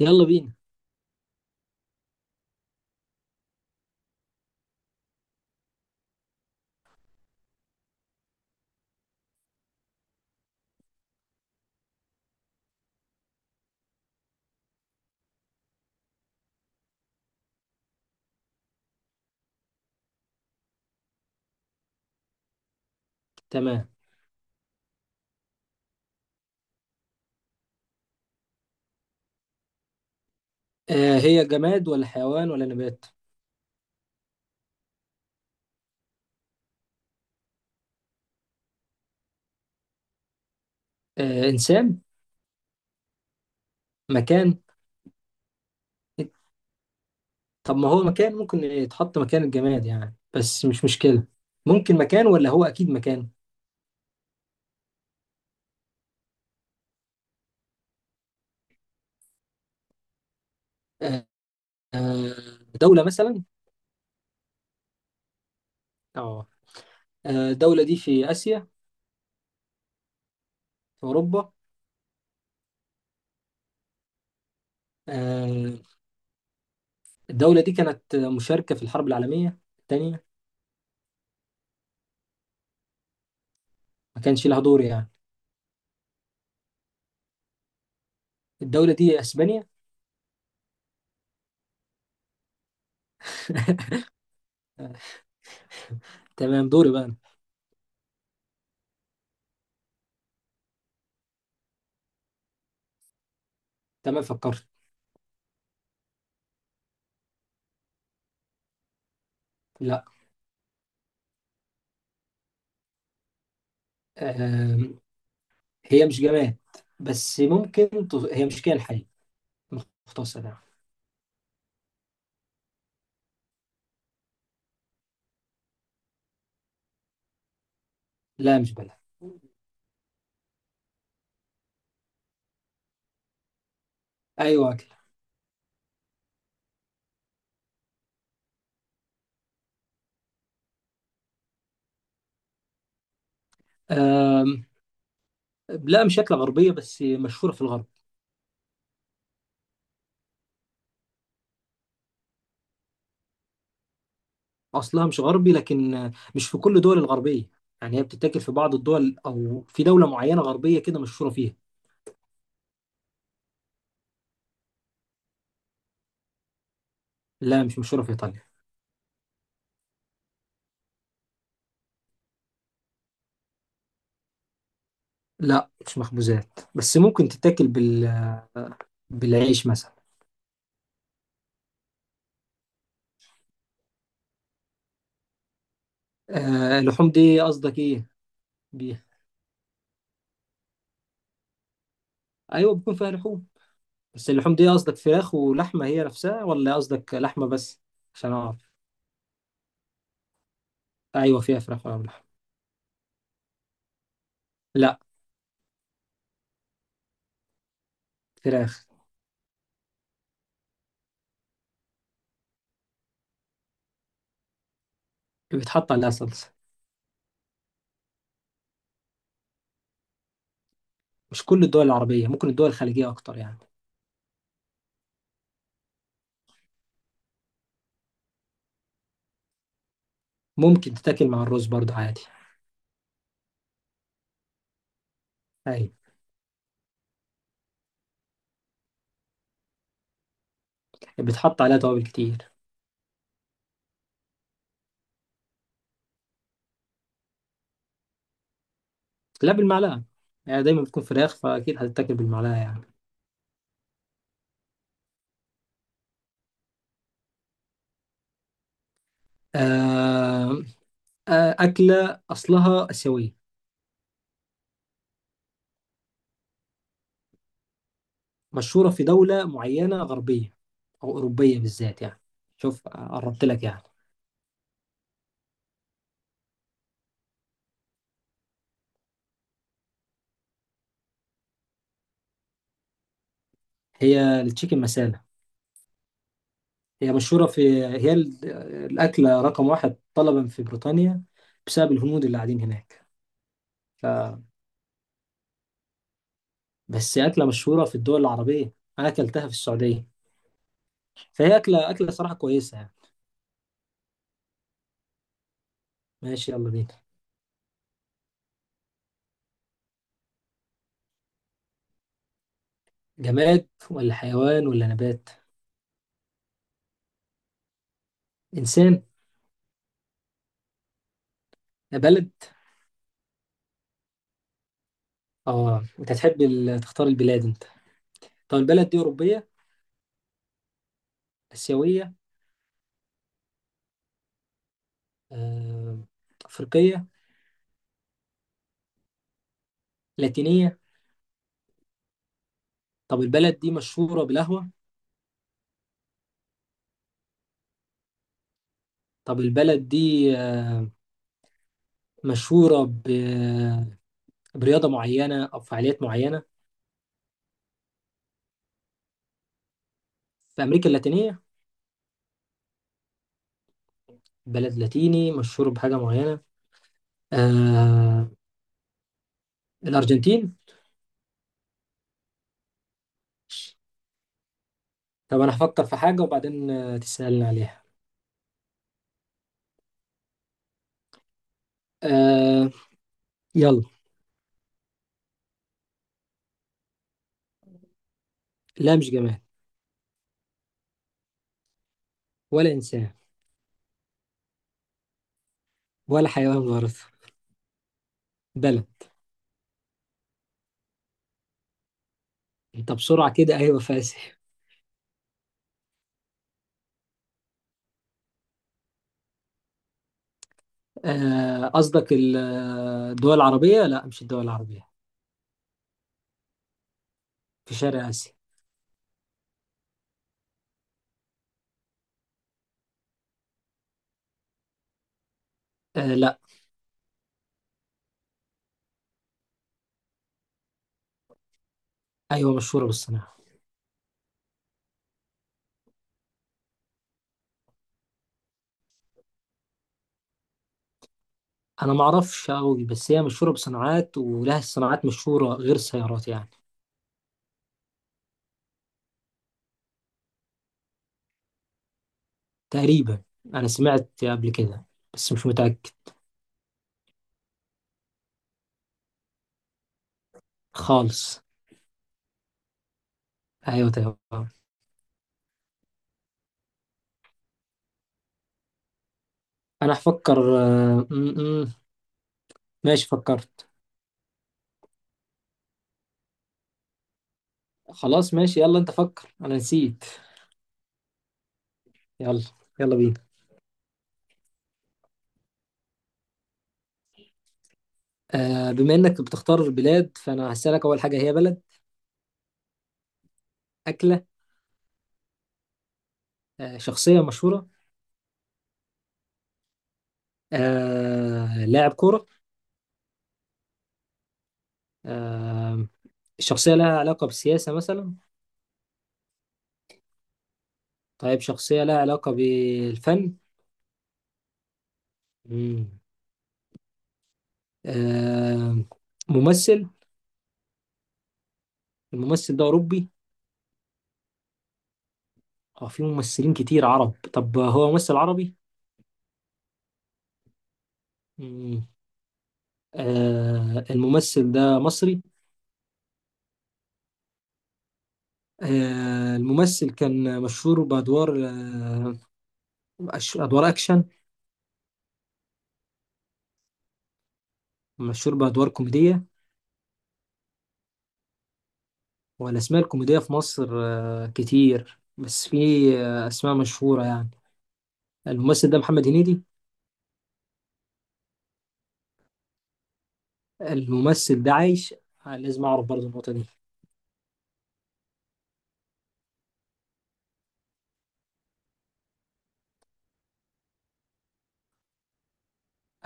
يلا بينا. تمام. هي جماد ولا حيوان ولا نبات؟ إنسان؟ مكان. طب ما هو مكان، ممكن يتحط مكان الجماد يعني، بس مش مشكلة. ممكن مكان ولا هو أكيد مكان؟ آه. آه، دولة مثلا؟ اه. الدولة دي في آسيا؟ في أوروبا؟ آه. الدولة دي كانت مشاركة في الحرب العالمية الثانية؟ ما كانش لها دور يعني؟ الدولة دي أسبانيا. آه. تمام، دوري بقى أنا. تمام، فكرت. لا. آه، هي مش جماد، بس ممكن هي مش كائن حي، مختصر يعني. لا، مش بلد. ايوه، اكل. أم... لا، مش اكله غربيه، بس مشهوره في الغرب. اصلها مش غربي، لكن مش في كل الدول الغربيه. يعني هي بتتاكل في بعض الدول، او في دوله معينه غربيه كده مشهوره فيها. لا، مش مشهوره في ايطاليا. لا، مش مخبوزات، بس ممكن تتاكل بالعيش مثلا. اللحوم دي قصدك ايه؟ بيها، ايوه بيكون فيها لحوم. بس اللحوم دي قصدك فراخ ولحمة هي نفسها، ولا قصدك لحمة بس؟ عشان أعرف. أيوة فيها فراخ ولا لحمة؟ لا. فراخ. بيتحط عليها صلصة. مش كل الدول العربية، ممكن الدول الخليجية أكتر يعني. ممكن تتاكل مع الرز برضه عادي. أيوة. بيتحط عليها توابل كتير. لا، بالمعلقة. يعني دايما بتكون فراخ فأكيد هتتاكل بالمعلقة يعني. آه. أكلة أصلها آسيوية، مشهورة في دولة معينة غربية، أو أوروبية بالذات يعني. شوف، قربت لك يعني. هي التشيكن مسالة. هي مشهورة في هي ال- الأكلة رقم واحد طلبا في بريطانيا، بسبب الهنود اللي قاعدين هناك. ف... بس هي أكلة مشهورة في الدول العربية. أنا أكلتها في السعودية. فهي أكلة صراحة كويسة يعني. ماشي، يلا بينا. جماد ولا حيوان ولا نبات؟ إنسان؟ بلد؟ أنت تحب تختار البلاد أنت. طب البلد دي أوروبية؟ آسيوية؟ آه... أفريقية؟ لاتينية؟ طب البلد دي مشهورة بالقهوة؟ طب البلد دي آه، مشهورة برياضة معينة أو فعاليات معينة؟ في أمريكا اللاتينية. بلد لاتيني مشهور بحاجة معينة. آه. الأرجنتين. طب أنا هفكر في حاجة وبعدين تسألني عليها. آه. يلا. لا، مش جماد. ولا إنسان. ولا حيوان برضه. بلد. أنت بسرعة كده، أيوة فاسح. قصدك الدول العربية؟ لا، مش الدول العربية. في شرق آسيا. لا. أيوة مشهورة بالصناعة. أنا معرفش أوي، بس هي مشهورة بصناعات، ولها صناعات مشهورة غير السيارات يعني. تقريبا، انا سمعت قبل كده بس مش متأكد. خالص. ايوه تمام. انا هفكر آه، م- م. ماشي، فكرت. خلاص، ماشي، يلا انت فكر انا نسيت. يلا. يلا بينا. بما انك بتختار بلاد فانا هسألك اول حاجة، هي بلد؟ أكلة؟ شخصية مشهورة؟ لاعب كورة؟ آه، الشخصية لها علاقة بالسياسة مثلا؟ طيب شخصية لها علاقة بالفن. مم. آه، ممثل؟ الممثل ده أوروبي؟ اه، في ممثلين كتير عرب، طب هو ممثل عربي؟ مم. الممثل ده مصري؟ الممثل كان مشهور بأدوار أدوار أكشن؟ مشهور بأدوار كوميدية. والأسماء الكوميدية في مصر كتير، بس في أسماء مشهورة يعني. الممثل ده محمد هنيدي؟ الممثل ده عايش؟ لازم أعرف برضه النقطة دي.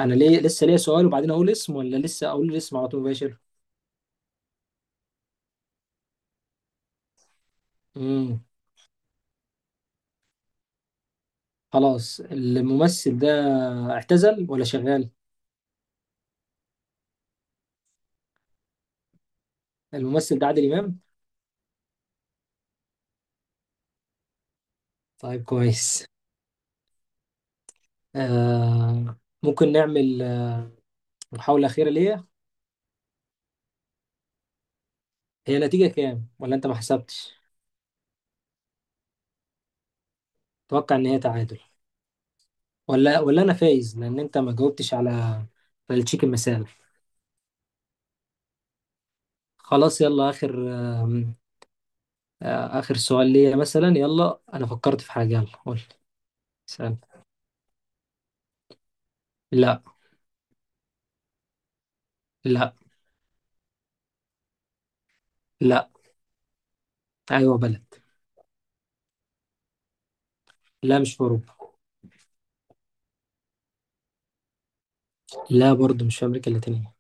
أنا ليه لسه ليا سؤال وبعدين أقول اسم، ولا لسه أقول الاسم على طول مباشر؟ مم. خلاص، الممثل ده اعتزل ولا شغال؟ الممثل ده عادل إمام. طيب، كويس. آه ممكن نعمل محاولة أخيرة ليا. هي نتيجة كام، ولا أنت ما حسبتش؟ أتوقع إن هي تعادل، ولا أنا فايز، لأن أنت ما جاوبتش على التشيكن مثال. خلاص يلا، آخر آه آه، آخر سؤال ليا مثلا، يلا أنا فكرت في حاجة، يلا قول سأل. لا. لا. لا. أيوه، بلد. لا، مش في أوروبا. لا برضه، مش في أمريكا اللاتينية.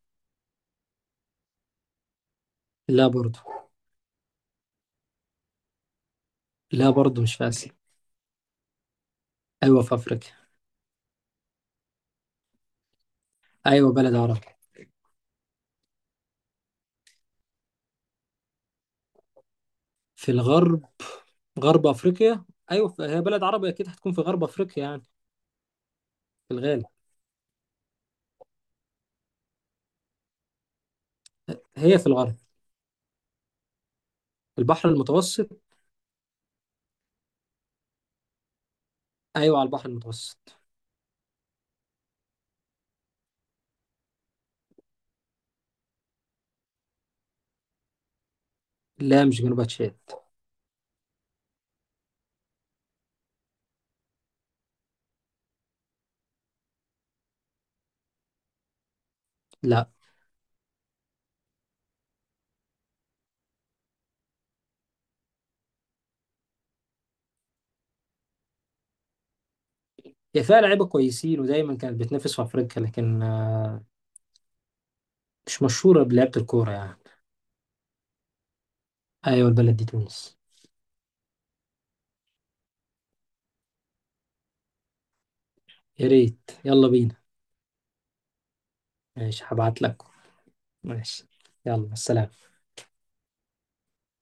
لا برضه. لا برضه، مش في آسيا. أيوه، في أفريقيا. أيوه، بلد عربي. في الغرب، غرب افريقيا. ايوه، هي بلد عربي اكيد هتكون في غرب افريقيا يعني. في الغالب. هي في الغرب، البحر المتوسط. ايوه، على البحر المتوسط. لا، مش جنوب تشاد. لا. هي فيها لعيبه كويسين، ودايما كانت بتنافس في افريقيا، لكن مش مشهوره بلعبه الكوره يعني. ايوه، البلد دي تونس. يا ريت، يلا بينا. ماشي، هبعت لك. ماشي. يلا، السلام.